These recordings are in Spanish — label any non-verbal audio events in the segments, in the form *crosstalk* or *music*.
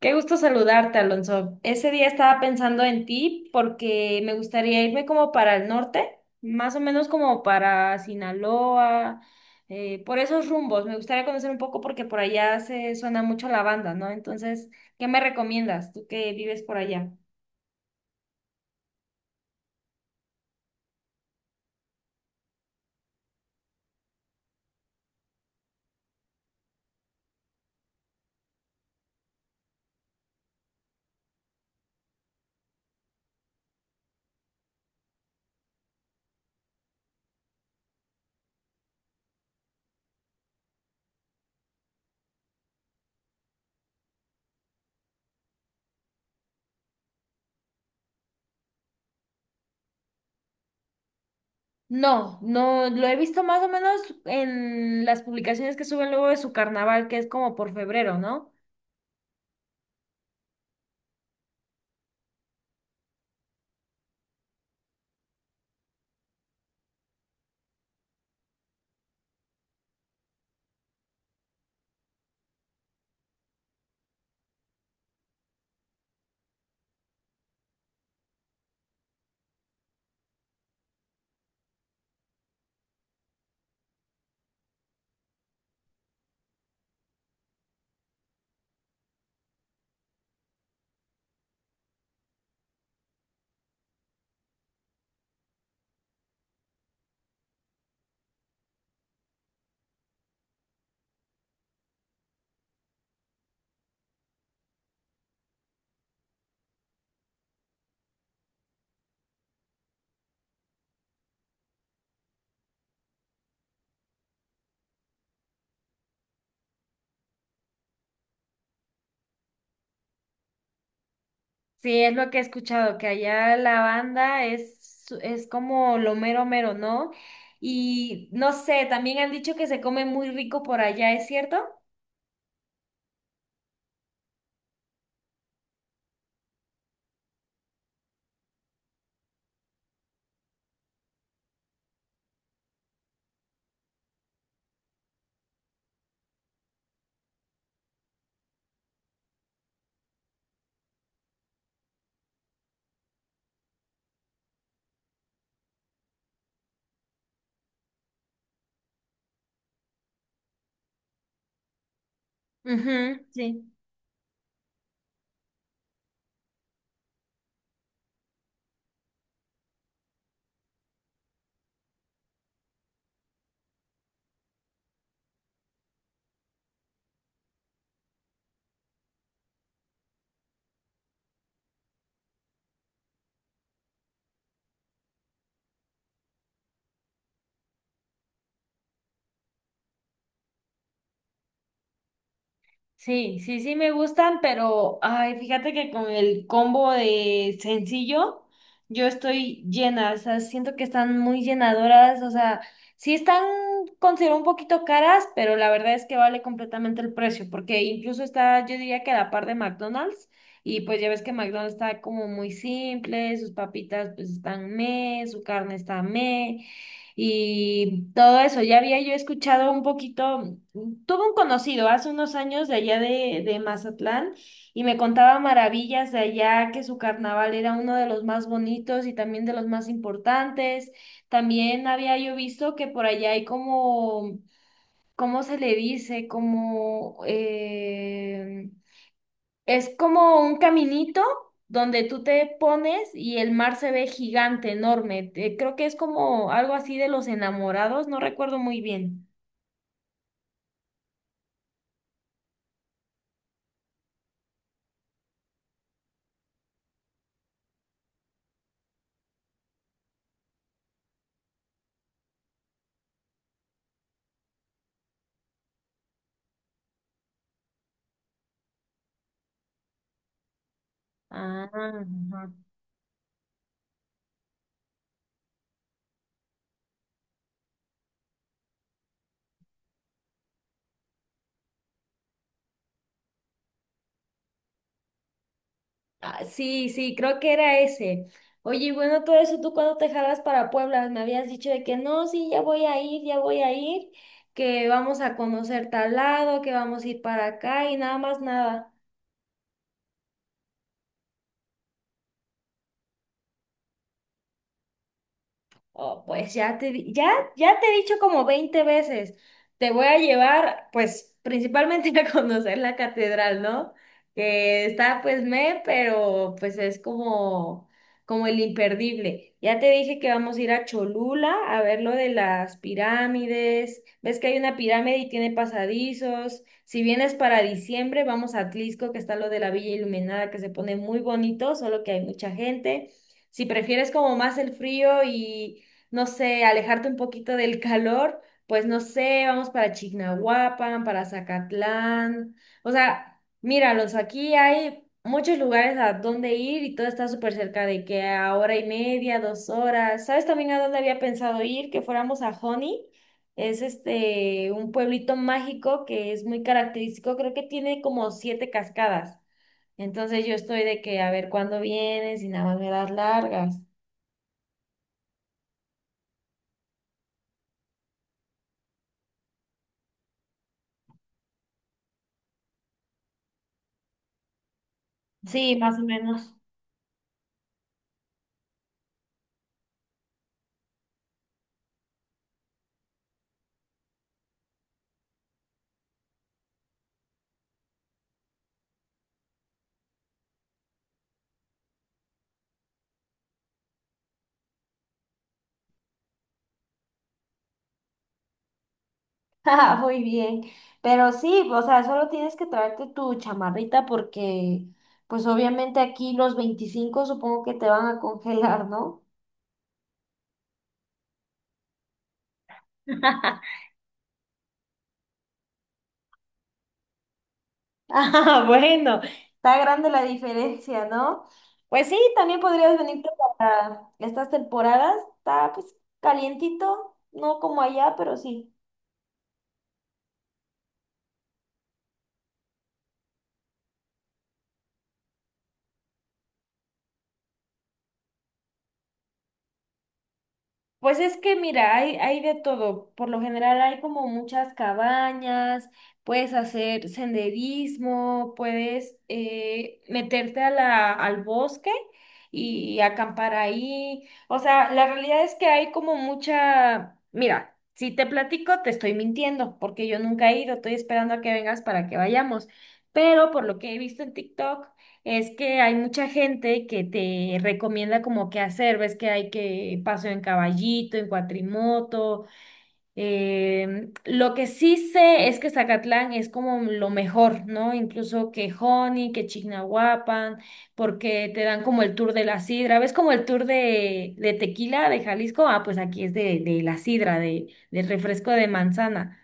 Qué gusto saludarte, Alonso. Ese día estaba pensando en ti porque me gustaría irme como para el norte, más o menos como para Sinaloa, por esos rumbos. Me gustaría conocer un poco porque por allá se suena mucho la banda, ¿no? Entonces, ¿qué me recomiendas tú que vives por allá? No, no, lo he visto más o menos en las publicaciones que suben luego de su carnaval, que es como por febrero, ¿no? Sí, es lo que he escuchado, que allá la banda es como lo mero mero, ¿no? Y no sé, también han dicho que se come muy rico por allá, ¿es cierto? Ujú, sí. Sí, sí, sí me gustan, pero ay, fíjate que con el combo de sencillo, yo estoy llena, o sea, siento que están muy llenadoras, o sea, sí están, considero un poquito caras, pero la verdad es que vale completamente el precio, porque incluso está, yo diría que a la par de McDonald's, y pues ya ves que McDonald's está como muy simple, sus papitas pues están meh, su carne está meh, y todo eso, ya había yo escuchado un poquito, tuve un conocido hace unos años de allá de Mazatlán y me contaba maravillas de allá, que su carnaval era uno de los más bonitos y también de los más importantes. También había yo visto que por allá hay como, ¿cómo se le dice? Como, es como un caminito donde tú te pones y el mar se ve gigante, enorme. Creo que es como algo así de los enamorados, no recuerdo muy bien. Ah, ajá. Ah, sí, sí, creo que era ese. Oye, y bueno, todo eso, ¿tú cuándo te jalas para Puebla? Me habías dicho de que no, sí, ya voy a ir, ya voy a ir, que vamos a conocer tal lado, que vamos a ir para acá y nada más nada. Oh, pues ya te, ya, ya te he dicho como 20 veces, te voy a llevar, pues, principalmente *laughs* a conocer la catedral, ¿no? Que está, pues, me, pero, pues, es como, como el imperdible. Ya te dije que vamos a ir a Cholula a ver lo de las pirámides. Ves que hay una pirámide y tiene pasadizos. Si vienes para diciembre, vamos a Atlisco, que está lo de la Villa Iluminada, que se pone muy bonito, solo que hay mucha gente. Si prefieres como más el frío y no sé, alejarte un poquito del calor, pues no sé, vamos para Chignahuapan, para Zacatlán. O sea, míralos, aquí hay muchos lugares a donde ir y todo está súper cerca de que a hora y media, dos horas. ¿Sabes también a dónde había pensado ir? Que fuéramos a Honey. Es este un pueblito mágico que es muy característico, creo que tiene como 7 cascadas. Entonces yo estoy de que a ver cuándo vienes y nada más me das largas. Sí, más o menos. *laughs* Ah, muy bien, pero sí, o sea, solo tienes que traerte tu chamarrita porque, pues obviamente aquí los 25 supongo que te van a congelar, ¿no? *laughs* Ah, *laughs* bueno, está grande la diferencia, ¿no? Pues sí, también podrías venirte para estas temporadas, está pues calientito, no como allá, pero sí. Pues es que mira, hay de todo. Por lo general hay como muchas cabañas, puedes hacer senderismo, puedes meterte a al bosque y acampar ahí. O sea, la realidad es que hay como mucha. Mira, si te platico, te estoy mintiendo, porque yo nunca he ido, estoy esperando a que vengas para que vayamos. Pero por lo que he visto en TikTok. Es que hay mucha gente que te recomienda como qué hacer, ves que hay que paso en caballito, en cuatrimoto. Lo que sí sé es que Zacatlán es como lo mejor, ¿no? Incluso que Joni, que Chignahuapan, porque te dan como el tour de la sidra, ves como el tour de tequila de Jalisco, ah, pues aquí es de la sidra, del refresco de manzana.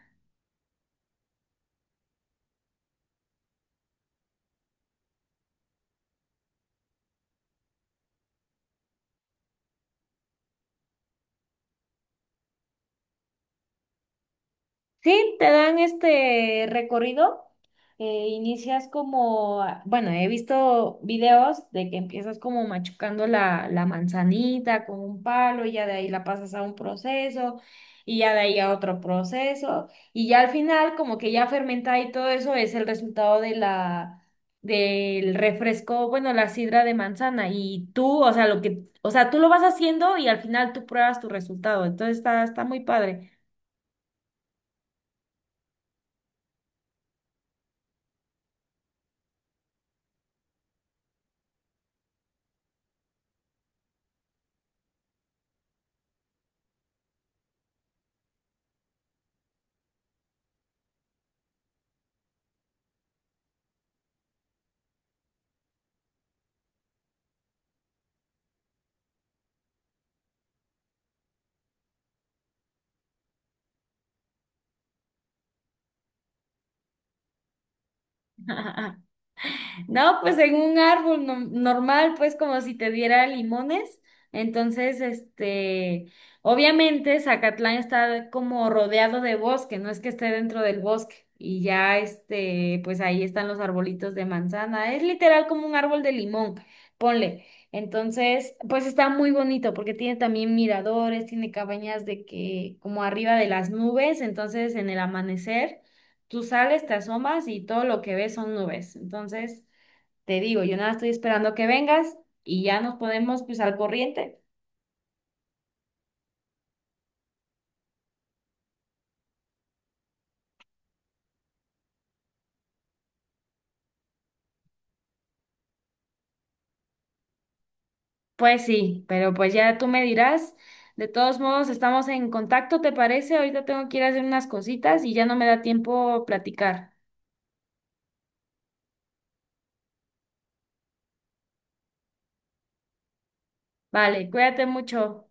Sí, te dan este recorrido. Inicias como, ah, bueno, he visto videos de que empiezas como machucando la manzanita con un palo y ya de ahí la pasas a un proceso y ya de ahí a otro proceso y ya al final como que ya fermentada y todo eso es el resultado de la, del refresco, bueno, la sidra de manzana y tú, o sea, lo que, o sea, tú lo vas haciendo y al final tú pruebas tu resultado, entonces está, está muy padre. *laughs* No, pues en un árbol normal, pues como si te diera limones. Entonces, este, obviamente Zacatlán está como rodeado de bosque, no es que esté dentro del bosque. Y ya, este, pues ahí están los arbolitos de manzana. Es literal como un árbol de limón, ponle. Entonces, pues está muy bonito porque tiene también miradores, tiene cabañas de que como arriba de las nubes, entonces en el amanecer tú sales, te asomas y todo lo que ves son nubes. Entonces, te digo, yo nada estoy esperando que vengas y ya nos ponemos pues al corriente. Pues sí, pero pues ya tú me dirás. De todos modos, estamos en contacto, ¿te parece? Ahorita tengo que ir a hacer unas cositas y ya no me da tiempo platicar. Vale, cuídate mucho.